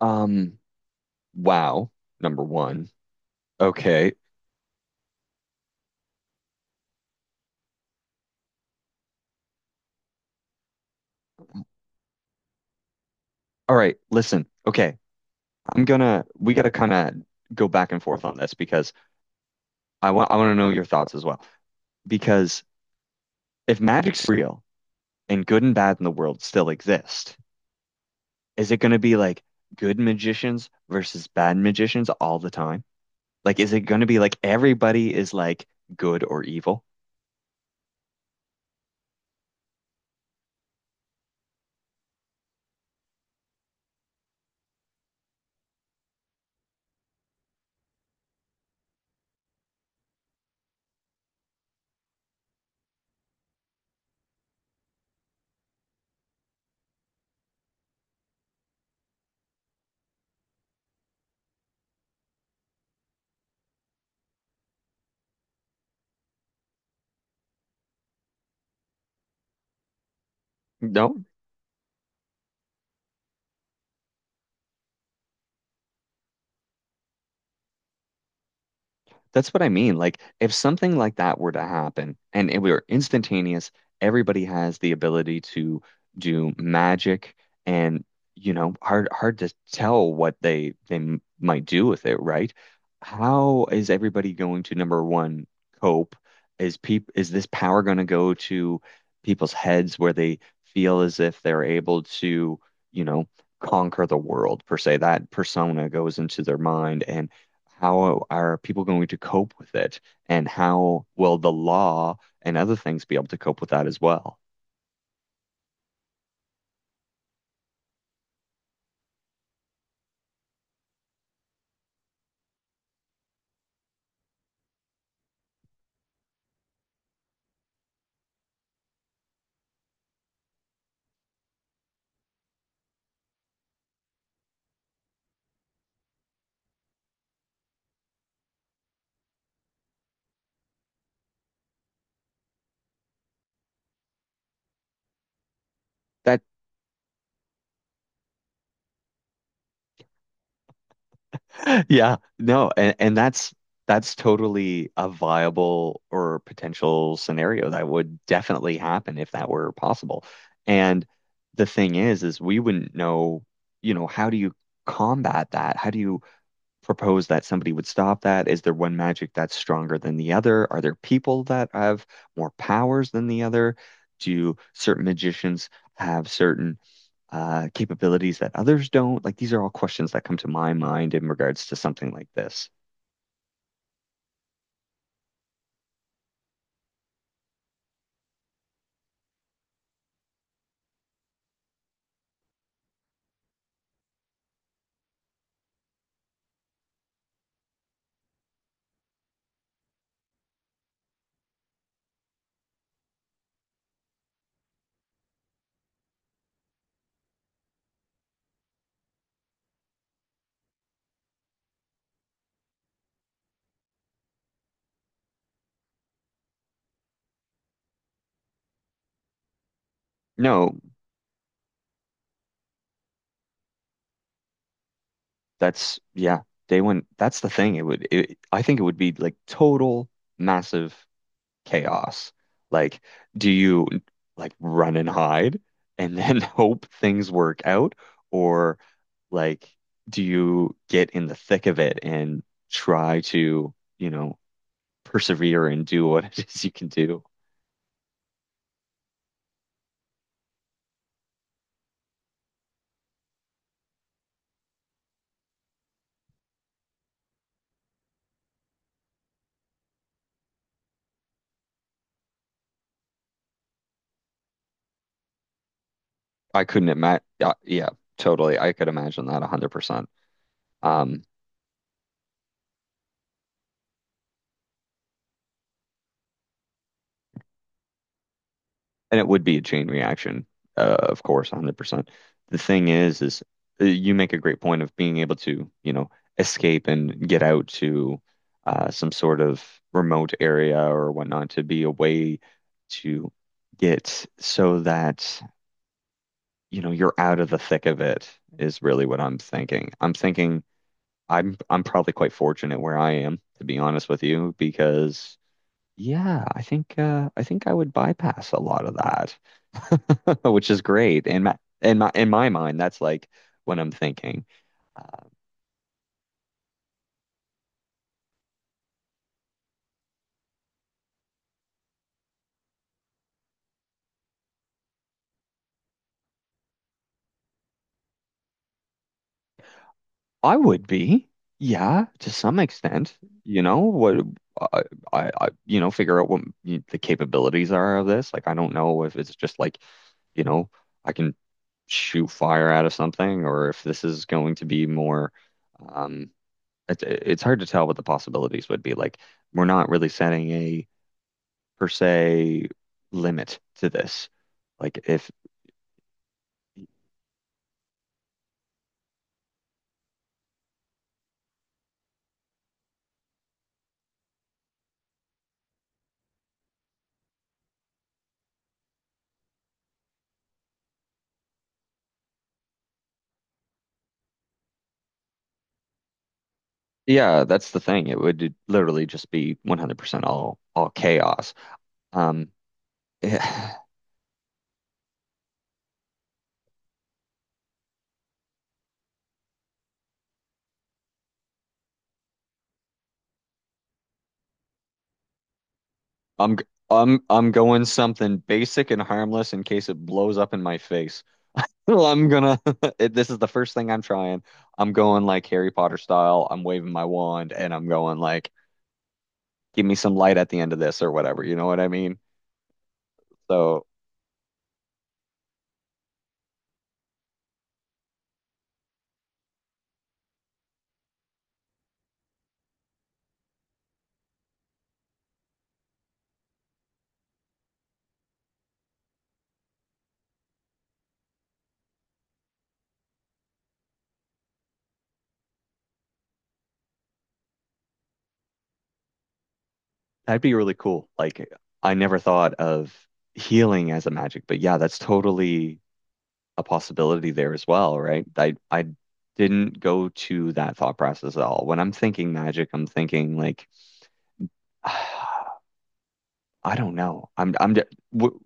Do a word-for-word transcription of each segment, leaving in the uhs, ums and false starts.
Um, wow, number one. Okay. All right, listen. Okay. I'm gonna We gotta kind of go back and forth on this because I want I want to know your thoughts as well. Because if magic's real and good and bad in the world still exist, is it gonna be like good magicians versus bad magicians all the time? Like, is it gonna be like everybody is like good or evil? No? That's what I mean. Like, if something like that were to happen and it were instantaneous, everybody has the ability to do magic and, you know, hard hard to tell what they they m- might do with it, right? How is everybody going to number one cope? Is peop is this power going to go to people's heads where they feel as if they're able to, you know, conquer the world per se? That persona goes into their mind and how are people going to cope with it? And how will the law and other things be able to cope with that as well? That, yeah, no, and, and that's that's totally a viable or potential scenario that would definitely happen if that were possible. And the thing is, is we wouldn't know, you know, how do you combat that? How do you propose that somebody would stop that? Is there one magic that's stronger than the other? Are there people that have more powers than the other? Do certain magicians have certain uh, capabilities that others don't? Like these are all questions that come to my mind in regards to something like this. No, that's yeah, day one. That's the thing. It would it, I think it would be like total massive chaos. Like, do you like run and hide and then hope things work out? Or like, do you get in the thick of it and try to, you know, persevere and do what it is you can do? I couldn't imagine. Yeah, yeah, totally. I could imagine that one hundred percent. Um, And it would be a chain reaction, uh, of course, one hundred percent. The thing is, is uh, you make a great point of being able to, you know, escape and get out to uh, some sort of remote area or whatnot to be away to get so that, you know, you're out of the thick of it is really what I'm thinking. I'm thinking I'm I'm probably quite fortunate where I am, to be honest with you, because yeah, I think uh, I think I would bypass a lot of that. Which is great. And my, in my in my mind, that's like what I'm thinking. Uh, I would be, yeah, to some extent. You know what? I, I, I you know, figure out what y- the capabilities are of this. Like, I don't know if it's just like, you know, I can shoot fire out of something, or if this is going to be more. Um, it's it's hard to tell what the possibilities would be. Like, we're not really setting a per se limit to this. Like if Yeah, that's the thing. It would literally just be one hundred percent all all chaos. Um, I'm I'm I'm going something basic and harmless in case it blows up in my face. Well, I'm gonna it, this is the first thing I'm trying. I'm going like Harry Potter style. I'm waving my wand and I'm going like give me some light at the end of this or whatever. You know what I mean? So that'd be really cool. Like I never thought of healing as a magic, but yeah, that's totally a possibility there as well, right? I I didn't go to that thought process at all. When I'm thinking magic, I'm thinking like I don't know. I'm I'm d- w-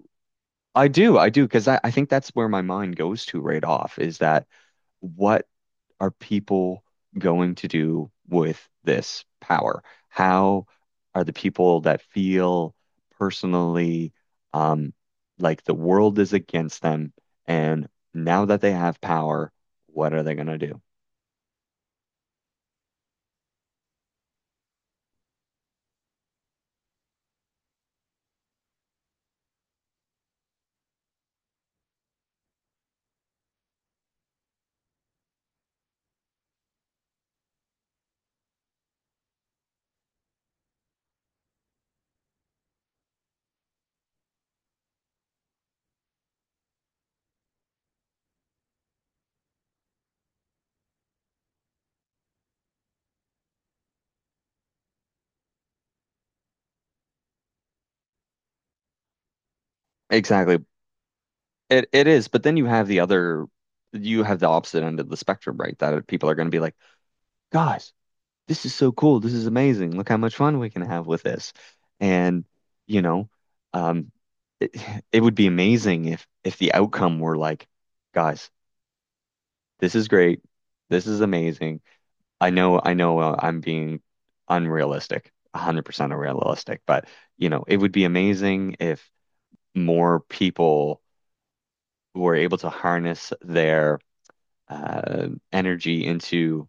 I do I do because I, I think that's where my mind goes to right off is that what are people going to do with this power? How are the people that feel personally um like the world is against them and now that they have power, what are they going to do? Exactly. It it is, but then you have the other you have the opposite end of the spectrum, right? That people are going to be like, "Guys, this is so cool. This is amazing. Look how much fun we can have with this." And, you know, um it, it would be amazing if if the outcome were like, "Guys, this is great. This is amazing. I know I know uh, I'm being unrealistic, one hundred percent unrealistic, but, you know, it would be amazing if more people were able to harness their uh, energy into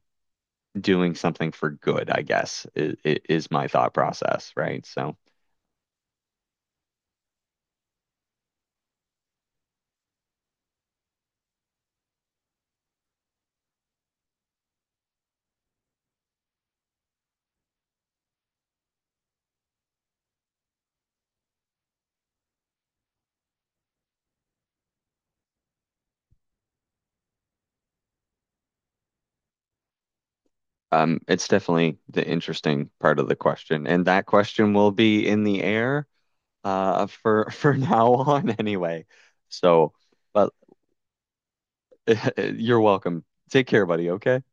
doing something for good, I guess, is, is my thought process, right? So, um, it's definitely the interesting part of the question, and that question will be in the air, uh, for for now on anyway. So, but you're welcome. Take care, buddy. Okay.